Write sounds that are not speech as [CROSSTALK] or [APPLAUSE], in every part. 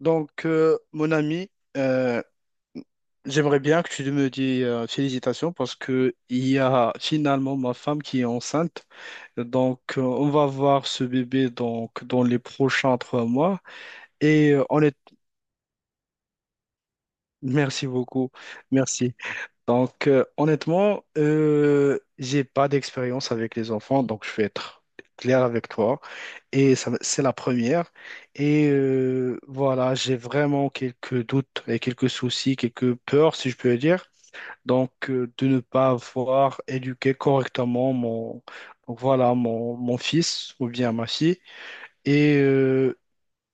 Mon ami, euh, j'aimerais bien que tu me dises félicitations parce que il y a finalement ma femme qui est enceinte. On va voir ce bébé donc, dans les prochains 3 mois. Et euh, honnêt- Merci beaucoup. Merci. Honnêtement, j'ai pas d'expérience avec les enfants, donc je vais être clair avec toi. Et ça, c'est la première. Voilà, j'ai vraiment quelques doutes et quelques soucis, quelques peurs, si je peux dire. De ne pas avoir éduqué correctement mon, donc voilà, mon fils ou bien ma fille. Et, euh,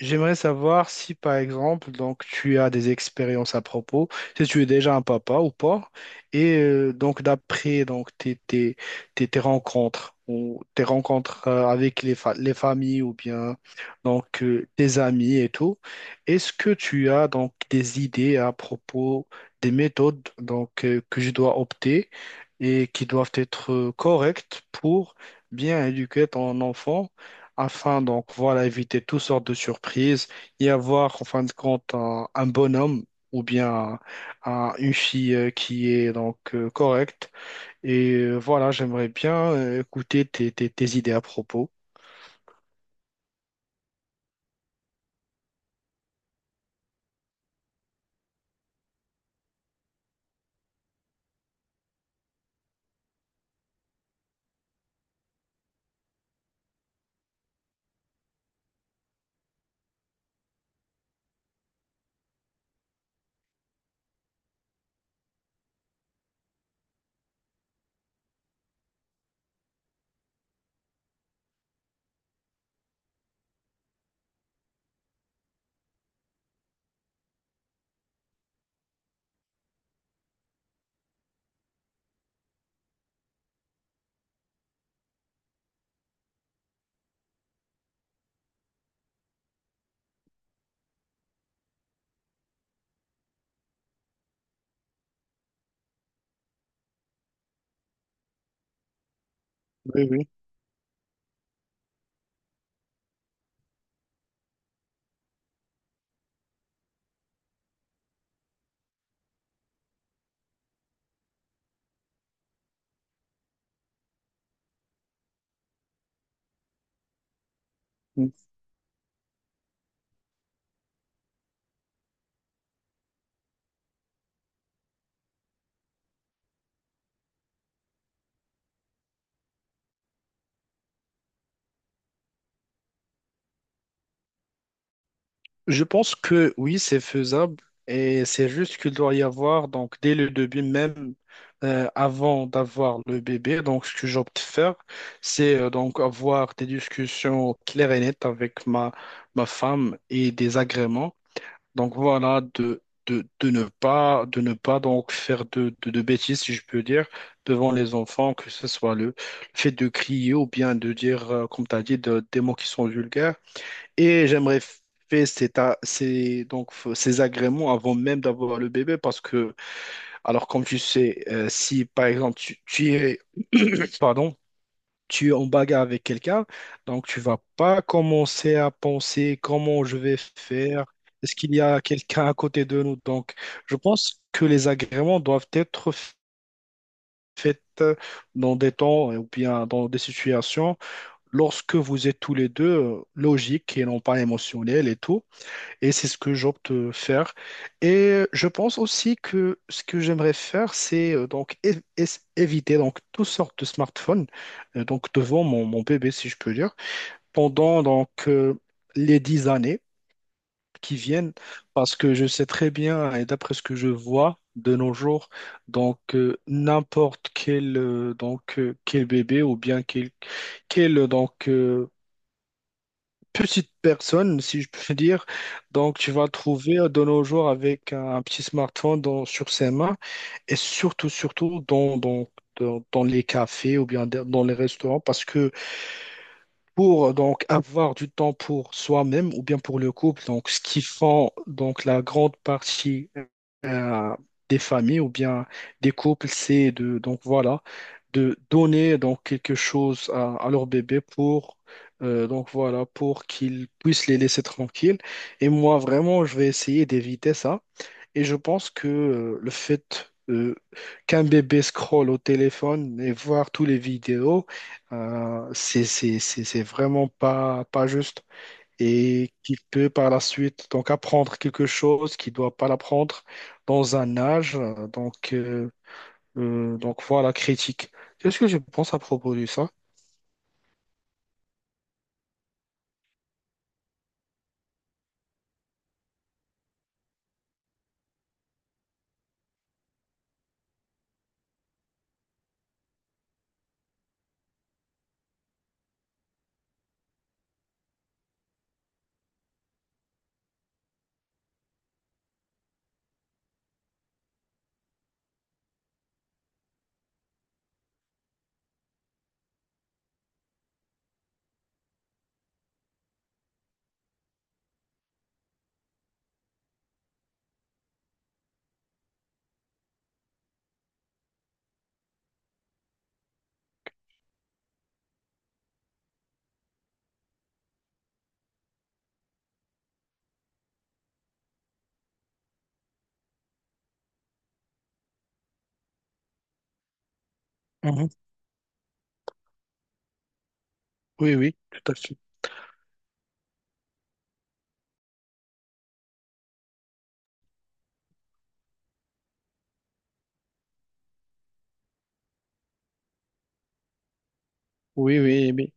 J'aimerais savoir si, par exemple, donc tu as des expériences à propos, si tu es déjà un papa ou pas, donc d'après donc tes rencontres ou tes rencontres avec les familles ou bien tes amis et tout, est-ce que tu as donc des idées à propos des méthodes que je dois opter et qui doivent être correctes pour bien éduquer ton enfant, afin donc voilà éviter toutes sortes de surprises et avoir en fin de compte un bonhomme ou bien une fille qui est correcte. Voilà, j'aimerais bien écouter tes idées à propos. Oui, oui. Je pense que oui, c'est faisable et c'est juste qu'il doit y avoir, donc dès le début même, avant d'avoir le bébé, donc ce que j'opte faire, c'est donc avoir des discussions claires et nettes avec ma femme et des agréments. Donc voilà, de ne pas donc faire de bêtises, si je peux dire, devant les enfants, que ce soit le fait de crier ou bien de dire, comme tu as dit, des mots qui sont vulgaires. Et j'aimerais faire ces, ta- ces- donc, f- ces agréments avant même d'avoir le bébé parce que, alors comme tu sais, si par exemple tu es, [COUGHS] [CLEARS THROAT] pardon, tu es en bagarre avec quelqu'un, donc tu vas pas commencer à penser comment je vais faire, est-ce qu'il y a quelqu'un à côté de nous? Donc je pense que les agréments doivent être faits dans des temps ou bien dans des situations lorsque vous êtes tous les deux logiques et non pas émotionnels et tout. Et c'est ce que j'opte faire. Et je pense aussi que ce que j'aimerais faire, c'est donc éviter donc toutes sortes de smartphones donc devant mon bébé, si je peux dire, pendant les 10 années qui viennent, parce que je sais très bien et d'après ce que je vois de nos jours, n'importe quel quel bébé ou bien quel petite personne, si je peux [LAUGHS] dire. Donc, tu vas le trouver de nos jours avec un petit smartphone sur ses mains et surtout dans les cafés ou bien dans les restaurants parce que pour donc avoir du temps pour soi-même ou bien pour le couple, donc ce qui font donc la grande partie euh, des familles ou bien des couples, c'est de donc voilà de donner donc quelque chose à leur bébé pour donc voilà pour qu'ils puissent les laisser tranquilles. Et moi vraiment, je vais essayer d'éviter ça. Et je pense que le fait qu'un bébé scrolle au téléphone et voir toutes les vidéos, c'est vraiment pas juste. Et qu'il peut par la suite donc apprendre quelque chose qu'il ne doit pas l'apprendre dans un âge donc donc voilà, critique. Qu'est-ce que je pense à propos de ça? Mhm. Oui, oui, tout à fait. Oui, oui, oui.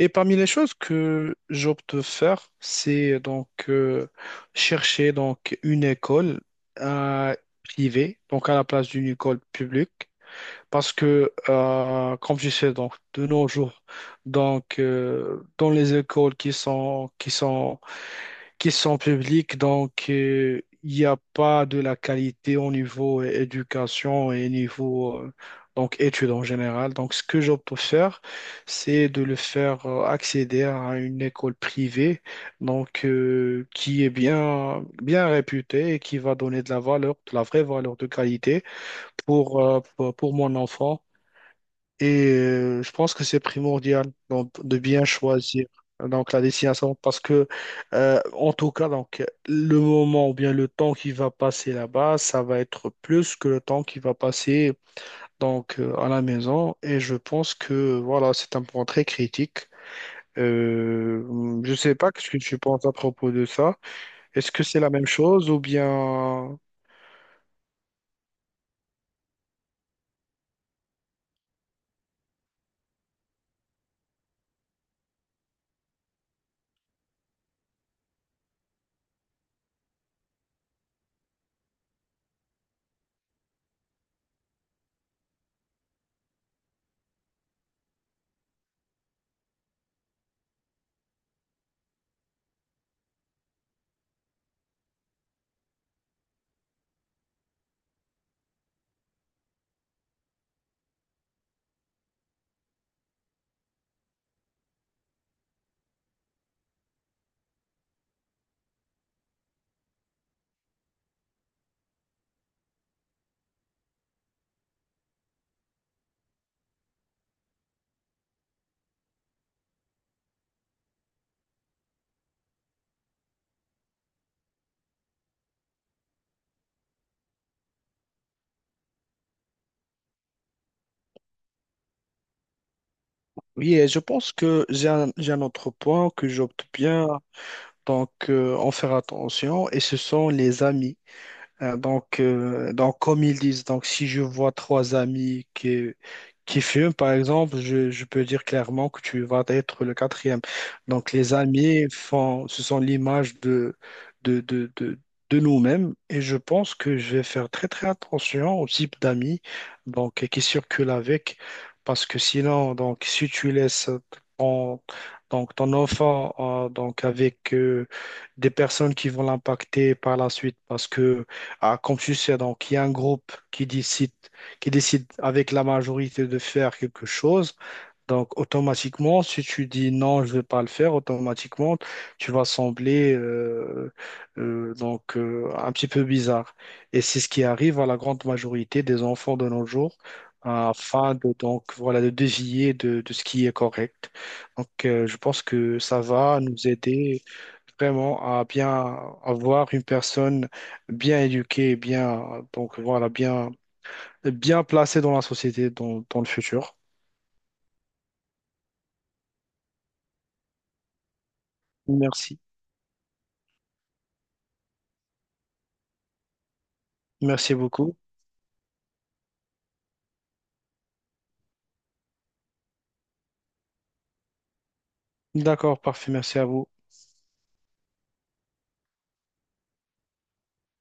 Et parmi les choses que j'opte de faire, c'est chercher donc une école euh, privée, donc à la place d'une école publique, parce que comme je sais donc de nos jours, dans les écoles qui sont publics il n'y a pas de la qualité au niveau éducation et niveau donc études en général. Donc ce que j'opte pour faire, c'est de le faire accéder à une école privée qui est bien bien réputée et qui va donner de la valeur, de la vraie valeur de qualité pour pour mon enfant et je pense que c'est primordial donc, de bien choisir donc la destination parce que en tout cas donc le moment ou bien le temps qui va passer là-bas, ça va être plus que le temps qui va passer à la maison et je pense que voilà, c'est un point très critique. Je sais pas ce que tu penses à propos de ça. Est-ce que c'est la même chose ou bien… Oui, et je pense que j'ai j'ai un autre point que j'opte bien en faire attention. Et ce sont les amis. Donc, comme ils disent, donc si je vois trois amis qui fument, par exemple, je peux dire clairement que tu vas être le quatrième. Donc, les amis font, ce sont l'image de, de, de, de nous-mêmes et je pense que je vais faire très, très attention au type d'amis donc, qui circulent avec parce que sinon, donc, si tu laisses ton, ton enfant avec des personnes qui vont l'impacter par la suite parce que ah, comme tu sais, donc, il y a un groupe qui décide avec la majorité de faire quelque chose. Donc, automatiquement, si tu dis non, je ne vais pas le faire, automatiquement, tu vas sembler un petit peu bizarre. Et c'est ce qui arrive à la grande majorité des enfants de nos jours afin de, donc, voilà, de dévier de ce qui est correct. Je pense que ça va nous aider vraiment à bien avoir une personne bien éduquée, bien, donc, voilà, bien, bien placée dans la société, dans le futur. Merci. Merci beaucoup. D'accord, parfait, merci à vous.